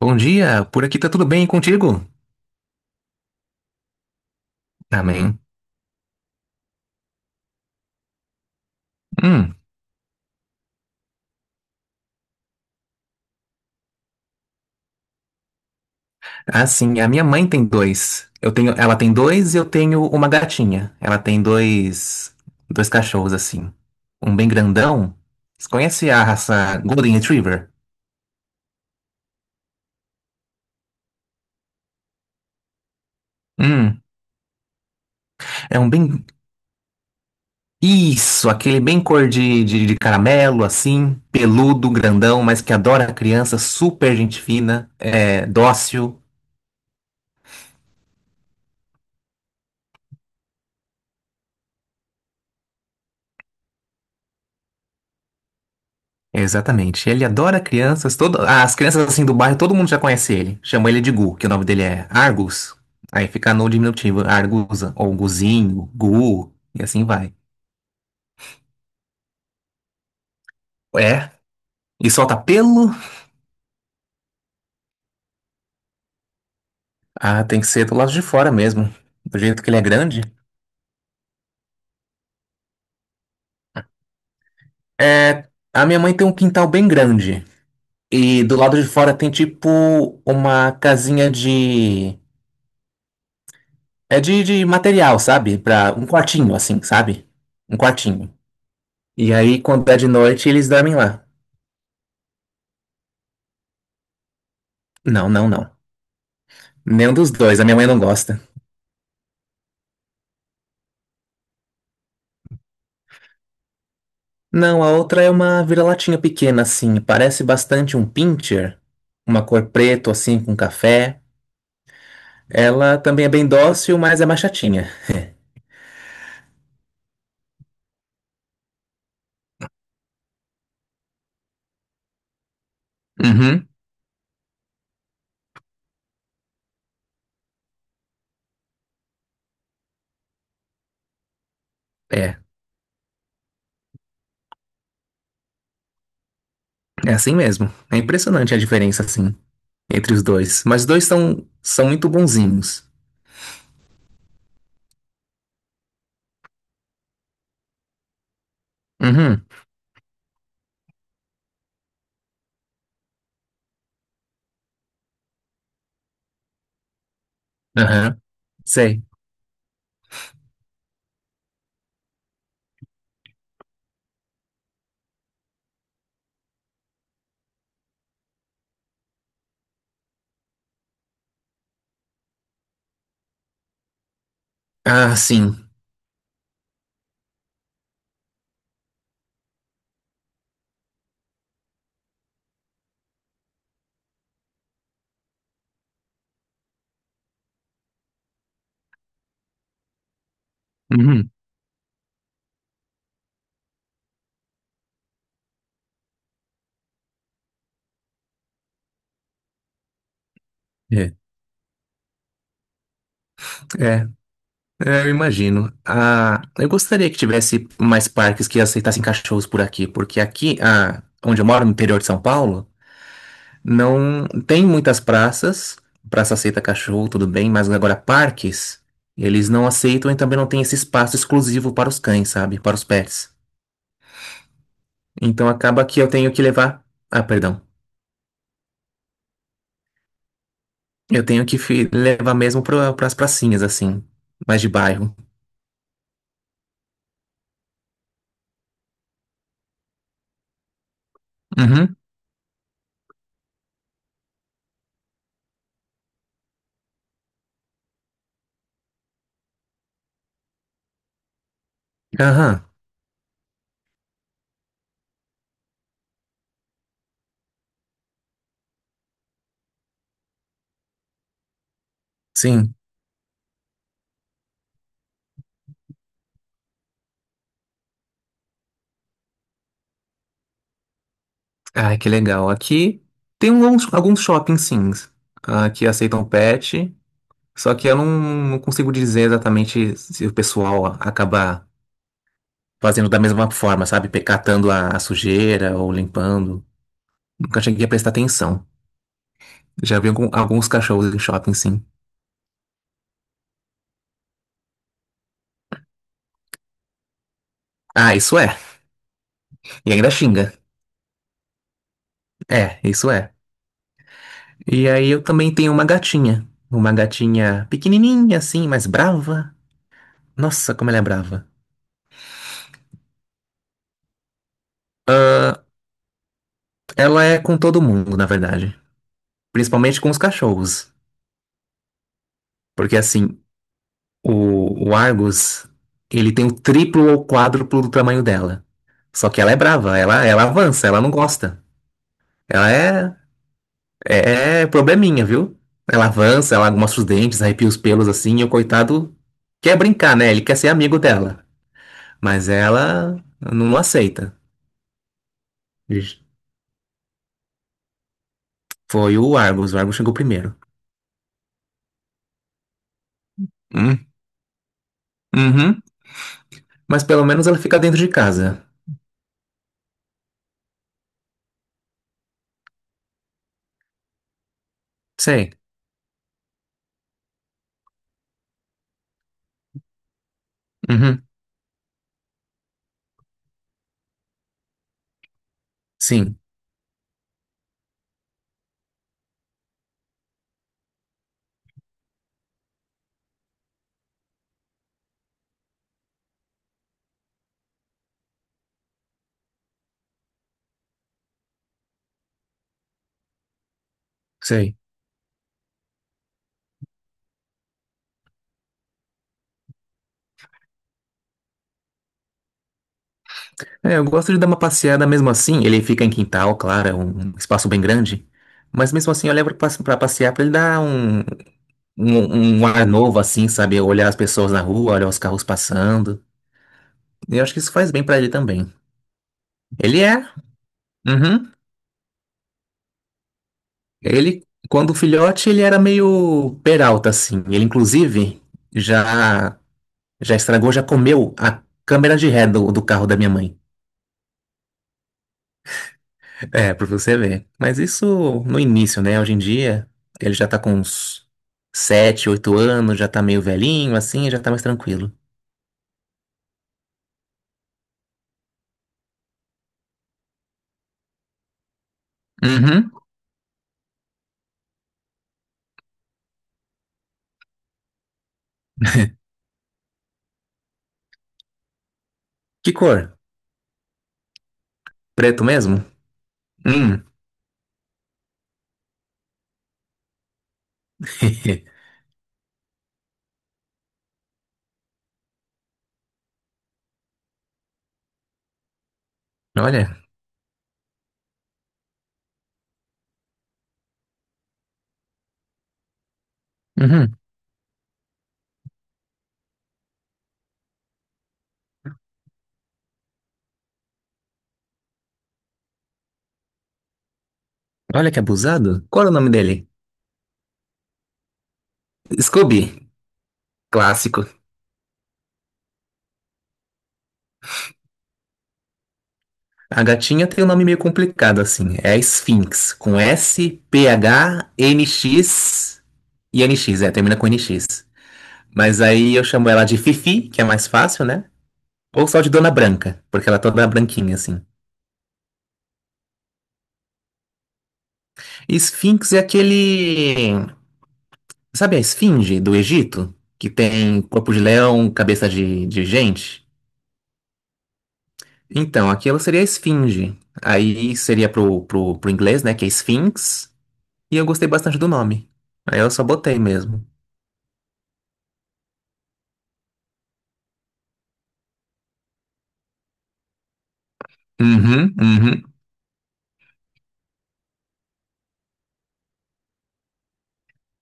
Bom dia, por aqui tá tudo bem e contigo? Amém. Hum. Assim, a minha mãe tem dois. Ela tem dois e eu tenho uma gatinha. Ela tem dois cachorros assim. Um bem grandão. Você conhece a raça Golden Retriever? Hum. É um bem Isso, aquele bem cor de caramelo assim, peludo, grandão, mas que adora criança, super gente fina, é dócil. Exatamente. Ele adora crianças. As crianças assim do bairro, todo mundo já conhece ele. Chama ele de Gu, que o nome dele é Argus. Aí fica no diminutivo, Argusa, ou Guzinho, Gu, e assim vai. É. E solta pelo. Ah, tem que ser do lado de fora mesmo. Do jeito que ele é grande. É. A minha mãe tem um quintal bem grande. E do lado de fora tem tipo uma casinha de. É de material, sabe? Um quartinho, assim, sabe? Um quartinho. E aí, quando é de noite, eles dormem lá. Não, não, não. Nenhum dos dois, a minha mãe não gosta. Não, a outra é uma vira-latinha pequena, assim, parece bastante um pincher, uma cor preto, assim, com café. Ela também é bem dócil, mas é mais chatinha. Uhum. É, é assim mesmo. É impressionante a diferença, assim, entre os dois. Mas os dois são muito bonzinhos. Uhum, aham, sei. Ah, sim. Uhum. É, é. É, eu imagino. Ah, eu gostaria que tivesse mais parques que aceitassem cachorros por aqui, porque aqui, ah, onde eu moro, no interior de São Paulo, não tem muitas praças. Praça aceita cachorro, tudo bem, mas agora parques, eles não aceitam e também não tem esse espaço exclusivo para os cães, sabe? Para os pets. Então acaba que eu tenho que levar. Ah, perdão. Eu tenho que levar mesmo para as pracinhas, assim, mais de bairro. Uhum. Aham, sim. Ah, que legal. Aqui tem alguns shoppings, sim, ah, que aceitam pet, só que eu não consigo dizer exatamente se o pessoal acaba fazendo da mesma forma, sabe? Catando a sujeira ou limpando. Nunca cheguei a prestar atenção. Já vi alguns cachorros em shopping, sim. Ah, isso é. E ainda xinga. É, isso é. E aí eu também tenho uma gatinha. Uma gatinha pequenininha, assim, mas brava. Nossa, como ela é brava. Ela é com todo mundo, na verdade. Principalmente com os cachorros. Porque assim, o Argus, ele tem o triplo ou quádruplo do tamanho dela. Só que ela é brava, ela avança, ela não gosta. Ela é probleminha, viu? Ela avança, ela mostra os dentes, arrepia os pelos assim, e o coitado quer brincar, né? Ele quer ser amigo dela. Mas ela não aceita. Foi o Argus chegou primeiro. Hum, Uhum. Mas pelo menos ela fica dentro de casa. Sei. Uhum. Sim, sei. É, eu gosto de dar uma passeada mesmo assim. Ele fica em quintal, claro, é um espaço bem grande. Mas mesmo assim eu levo pra passear pra ele dar um ar novo, assim, sabe? Olhar as pessoas na rua, olhar os carros passando. Eu acho que isso faz bem pra ele também. Ele é. Uhum. Ele, quando filhote, ele era meio peralta, assim. Ele, inclusive, já, já estragou, já comeu a câmera de ré do carro da minha mãe. É, pra você ver. Mas isso no início, né? Hoje em dia, ele já tá com uns 7, 8 anos, já tá meio velhinho, assim, já tá mais tranquilo. Uhum. Que cor? Preto mesmo? Hum. Olha. Uhum. Olha que abusado. Qual era o nome dele? Scooby. Clássico. A gatinha tem um nome meio complicado, assim. É a Sphinx. Com S, P, H, N, X e NX. É, termina com N, X. Mas aí eu chamo ela de Fifi, que é mais fácil, né? Ou só de Dona Branca, porque ela é toda branquinha, assim. Esfinx é aquele. Sabe a esfinge do Egito? Que tem corpo de leão, cabeça de gente? Então, aquilo seria a esfinge. Aí seria pro inglês, né? Que é Sphinx. E eu gostei bastante do nome. Aí eu só botei mesmo. Uhum, uhum.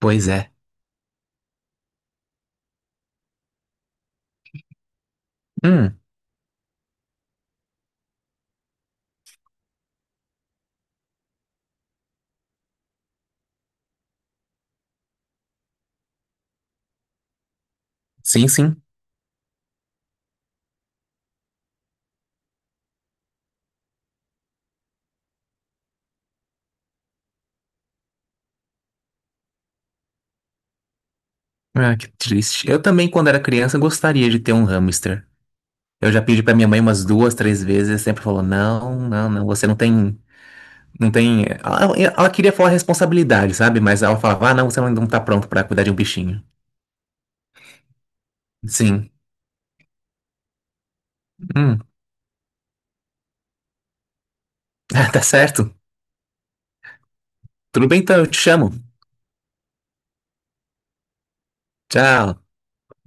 Pois é. Hum, sim, sim. Ah, que triste. Eu também, quando era criança, gostaria de ter um hamster. Eu já pedi pra minha mãe umas duas, três vezes, e sempre falou: não, não, não, você não tem. Não tem. Ela queria falar responsabilidade, sabe? Mas ela falava: ah, não, você não tá pronto pra cuidar de um bichinho. Sim. Hum. Tá certo. Tudo bem, então, eu te chamo. Tchau.